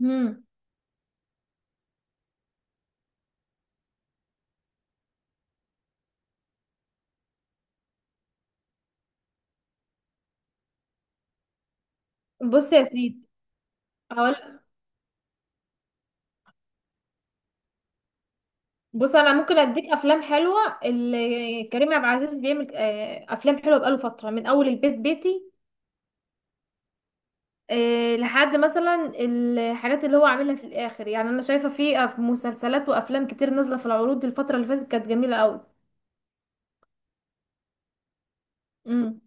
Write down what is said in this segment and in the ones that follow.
مم. بص يا سيدي. هقول. بص انا ممكن اديك افلام حلوه اللي كريم عبد العزيز بيعمل، افلام حلوه بقاله فتره من اول البيت بيتي. لحد مثلا الحاجات اللي هو عاملها في الاخر، يعني انا شايفه في مسلسلات وافلام كتير نازله في العروض. الفتره اللي فاتت كانت جميله قوي. امم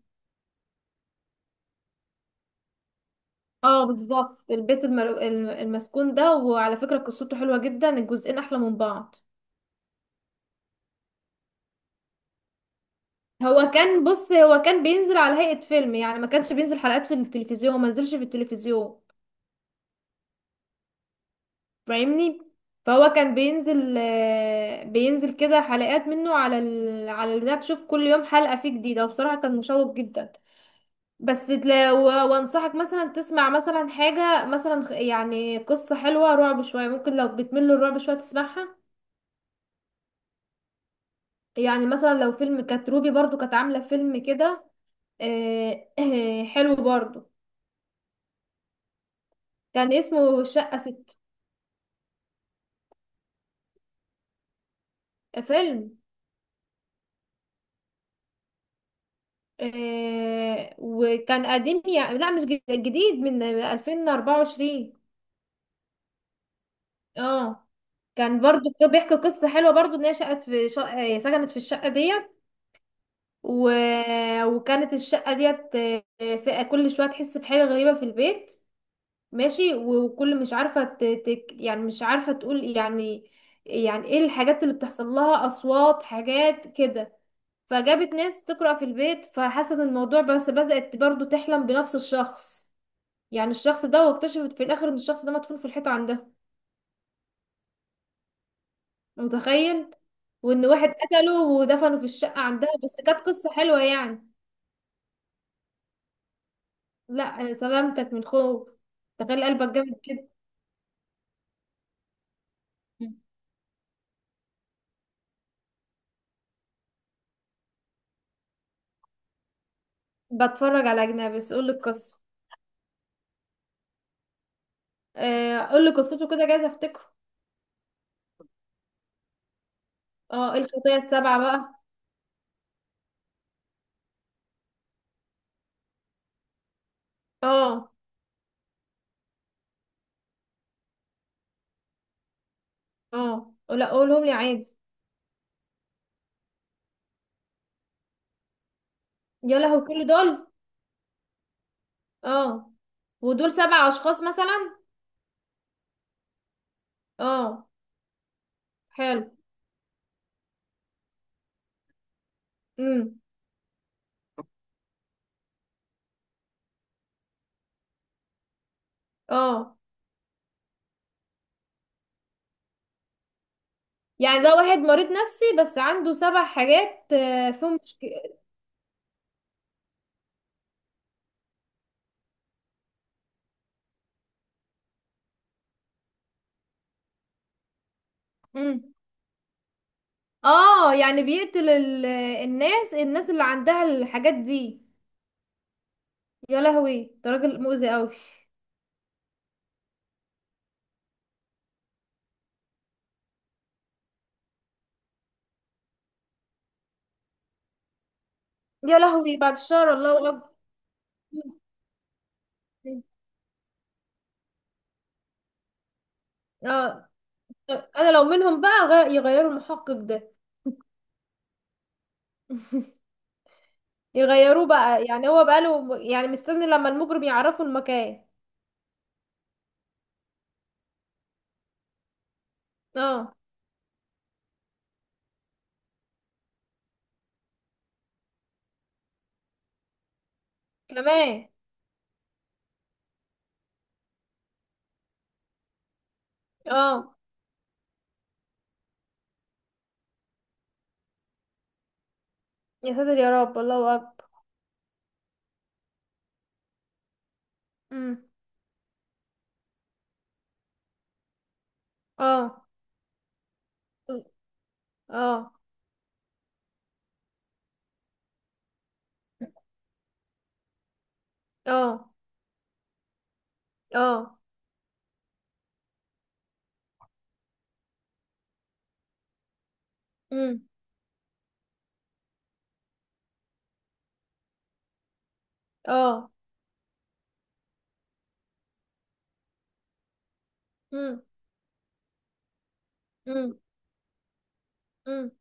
اه، بالظبط البيت المسكون ده، وعلى فكره قصته حلوه جدا، الجزئين احلى من بعض. هو كان بينزل على هيئه فيلم، يعني ما كانش بينزل حلقات في التلفزيون، ما نزلش في التلفزيون، فاهمني؟ فهو كان بينزل كده حلقات منه على على البتاع، تشوف كل يوم حلقة فيه جديدة، وبصراحة كان مشوق جدا. بس لو، وانصحك مثلا تسمع مثلا حاجة مثلا يعني قصة حلوة رعب شوية، ممكن لو بتمل الرعب شوية تسمعها. يعني مثلا لو فيلم كانت روبي برضو كانت عاملة فيلم كده. حلو برضو. كان اسمه شقة ست. فيلم. آه، وكان قديم، يعني لا، مش جديد، من 2024. اه، كان برضو كان بيحكي قصة حلوة برضو، ان هي شقت في شقة، سكنت في الشقة ديت و... وكانت الشقة ديت، في كل شوية تحس بحاجة غريبة في البيت. ماشي، وكل، مش عارفة يعني مش عارفة تقول يعني، يعني ايه الحاجات اللي بتحصل لها، اصوات، حاجات كده. فجابت ناس تقرأ في البيت، فحست الموضوع، بس بدأت برضو تحلم بنفس الشخص، يعني الشخص ده. واكتشفت في الاخر ان الشخص ده مدفون في الحيطه عندها. متخيل؟ وان واحد قتله ودفنه في الشقه عندها، بس كانت قصه حلوه يعني. لا سلامتك من خوف. تخيل قلبك جامد كده. بتفرج على اجنبي، بس قول لي القصه. آه، قول لي قصته كده، جايز افتكره. اه، إيه الخطايا السبعه بقى؟ اه. اه، لا قولهم لي عادي. يا لهوي، كل دول؟ اه. ودول سبع اشخاص مثلا؟ اه. حلو. امم اه، يعني ده واحد مريض نفسي بس عنده سبع حاجات فيهم مشكلة. مم. اه، يعني بيقتل الناس اللي عندها الحاجات دي. يا لهوي، ده راجل مؤذي قوي. يا لهوي، بعد الشر، الله اكبر. اه، انا لو منهم بقى يغيروا المحقق ده. يغيروه بقى، يعني هو بقاله يعني مستني لما المجرم يعرفوا المكان. اه. كمان. اه. يا ساتر يا رب، الله اكبر. امم. اه. اه. اه. اه. امم. اه. امم. امم. امم.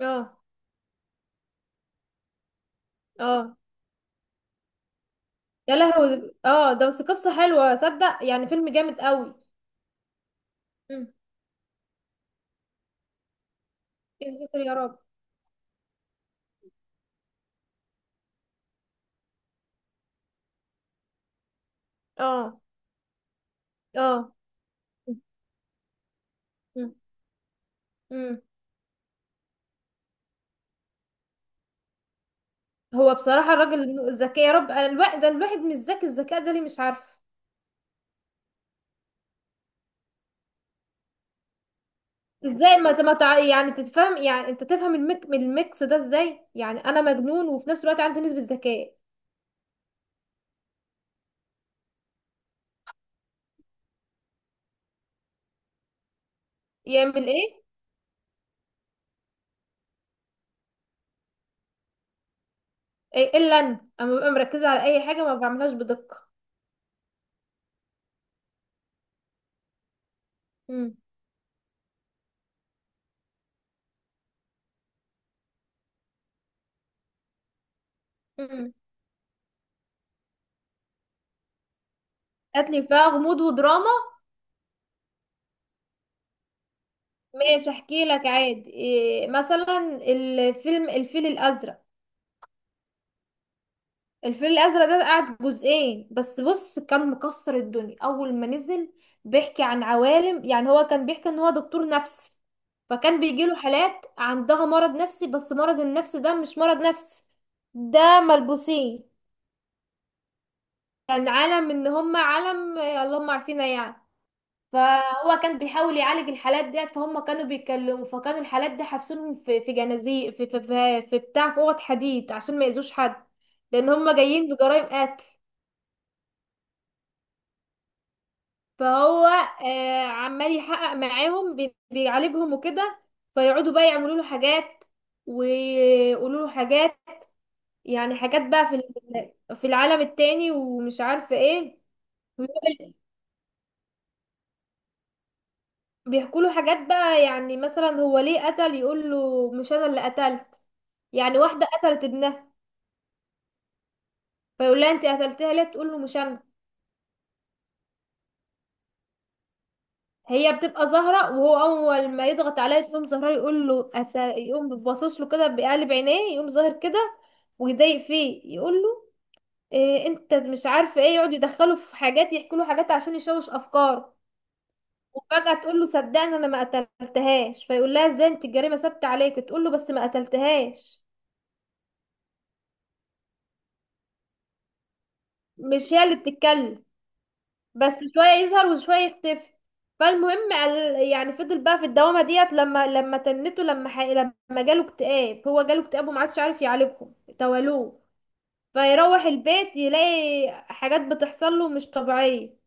اه. اه. يا لهوي. اه، ده بس قصة حلوة صدق، يعني فيلم جامد قوي. امم. يا ساتر يا رب. اه. اه. امم. امم. هو بصراحة الراجل ذكي، يا رب. الواحد ده الواحد مش ذكي، الذكاء ده ليه مش عارف. ازاي ما ت- ما تع... يعني تتفهم، يعني انت تفهم الميكس ده ازاي؟ يعني انا مجنون وفي نفس الوقت عندي نسبة ذكاء. يعمل ايه؟ إيه الا انا اما ببقى مركزة على اي حاجة ما بعملهاش بدقة. امم. هاتلي فيها غموض ودراما. ماشي، احكي لك عادي. إيه مثلا؟ الفيلم الفيل الازرق. الفيل الازرق ده قعد جزئين، بس بص كان مكسر الدنيا اول ما نزل. بيحكي عن عوالم، يعني هو كان بيحكي ان هو دكتور نفسي، فكان بيجيله حالات عندها مرض نفسي، بس مرض النفس ده مش مرض نفسي، ده ملبوسين. كان عالم ان هم عالم، اللهم عارفينها يعني. فهو كان بيحاول يعالج الحالات ديت، فهم كانوا بيتكلموا، فكانوا الحالات دي حابسينهم في جنازير، في بتاع، في اوض حديد، عشان ما يأذوش حد، لان هم جايين بجرائم قتل. فهو آه، عمال يحقق معاهم، بيعالجهم وكده. فيقعدوا بقى يعملوا له حاجات، ويقولوا له حاجات، يعني حاجات بقى في في العالم التاني، ومش عارفه ايه. ويقعد- بيحكوا له حاجات بقى، يعني مثلا هو ليه قتل، يقول له مش انا اللي قتلت. يعني واحدة قتلت ابنها، فيقول لها انت قتلتها ليه، تقول له مش انا. هي بتبقى زهرة، وهو اول ما يضغط عليها يقوم زهرة يقول له، يقوم باصص له كده بقلب عينيه، يقوم ظاهر كده ويضايق فيه، يقول له إيه، انت مش عارفة ايه. يقعد يدخله في حاجات، يحكي له حاجات عشان يشوش افكاره. وفجأة تقول له صدقني انا ما قتلتهاش، فيقول لها ازاي، انت الجريمة ثابتة عليك، تقول له بس ما قتلتهاش. مش هي اللي بتتكلم. بس شوية يظهر وشوية يختفي. فالمهم يعني فضل بقى في الدوامة ديت، لما تنته، لما لما جاله اكتئاب. هو جاله اكتئاب وما عادش عارف يعالجهم توالوه. فيروح البيت يلاقي حاجات بتحصل له مش طبيعية،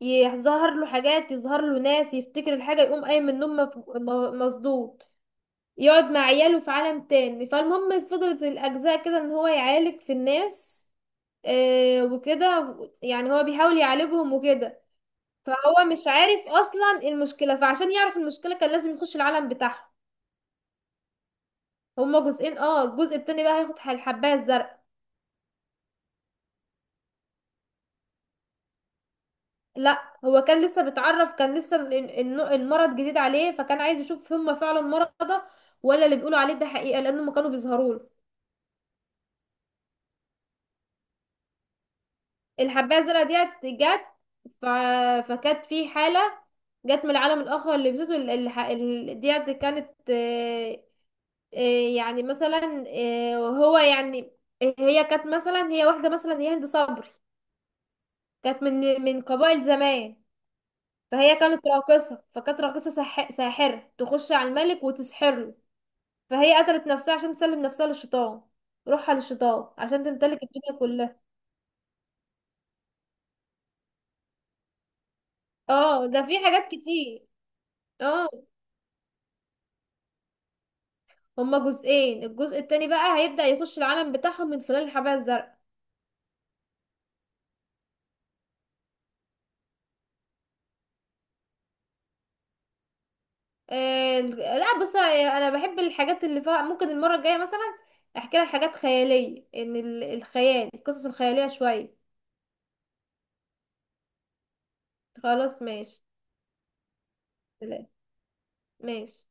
يظهر له حاجات، يظهر له ناس، يفتكر الحاجة يقوم قايم من النوم مصدوم، يقعد مع عياله في عالم تاني. فالمهم فضلت الأجزاء كده، ان هو يعالج في الناس، آه، وكده، يعني هو بيحاول يعالجهم وكده. فهو مش عارف اصلا المشكله، فعشان يعرف المشكله كان لازم يخش العالم بتاعهم. هما جزئين، اه، الجزء التاني بقى هياخد الحبايه الزرقاء. لا، هو كان لسه بيتعرف، كان لسه المرض جديد عليه، فكان عايز يشوف هما فعلا مرضى، ولا اللي بيقولوا عليه ده حقيقه، لان هما كانوا بيظهروا له. الحبايه الزرقاء ديت جت، ف... فكانت في حاله، جت من العالم الاخر. اللي لبسته ديت كانت، إيه يعني مثلا، إيه هو يعني؟ هي كانت مثلا، هي واحدة مثلا، هي هند صبري، كانت من قبائل زمان. فهي كانت راقصة، فكانت راقصة ساحرة، تخش على الملك وتسحر له. فهي قتلت نفسها عشان تسلم نفسها للشيطان، روحها للشيطان، عشان تمتلك الدنيا كلها. اه، ده في حاجات كتير. اه، هما جزئين، الجزء التاني بقى هيبدأ يخش العالم بتاعهم من خلال الحباية الزرقاء. آه، لا، بص انا بحب الحاجات اللي فيها، ممكن المره الجايه مثلا احكي لك حاجات خياليه، ان الخيال، القصص الخياليه شويه. خلاص ماشي. سلام. ماشي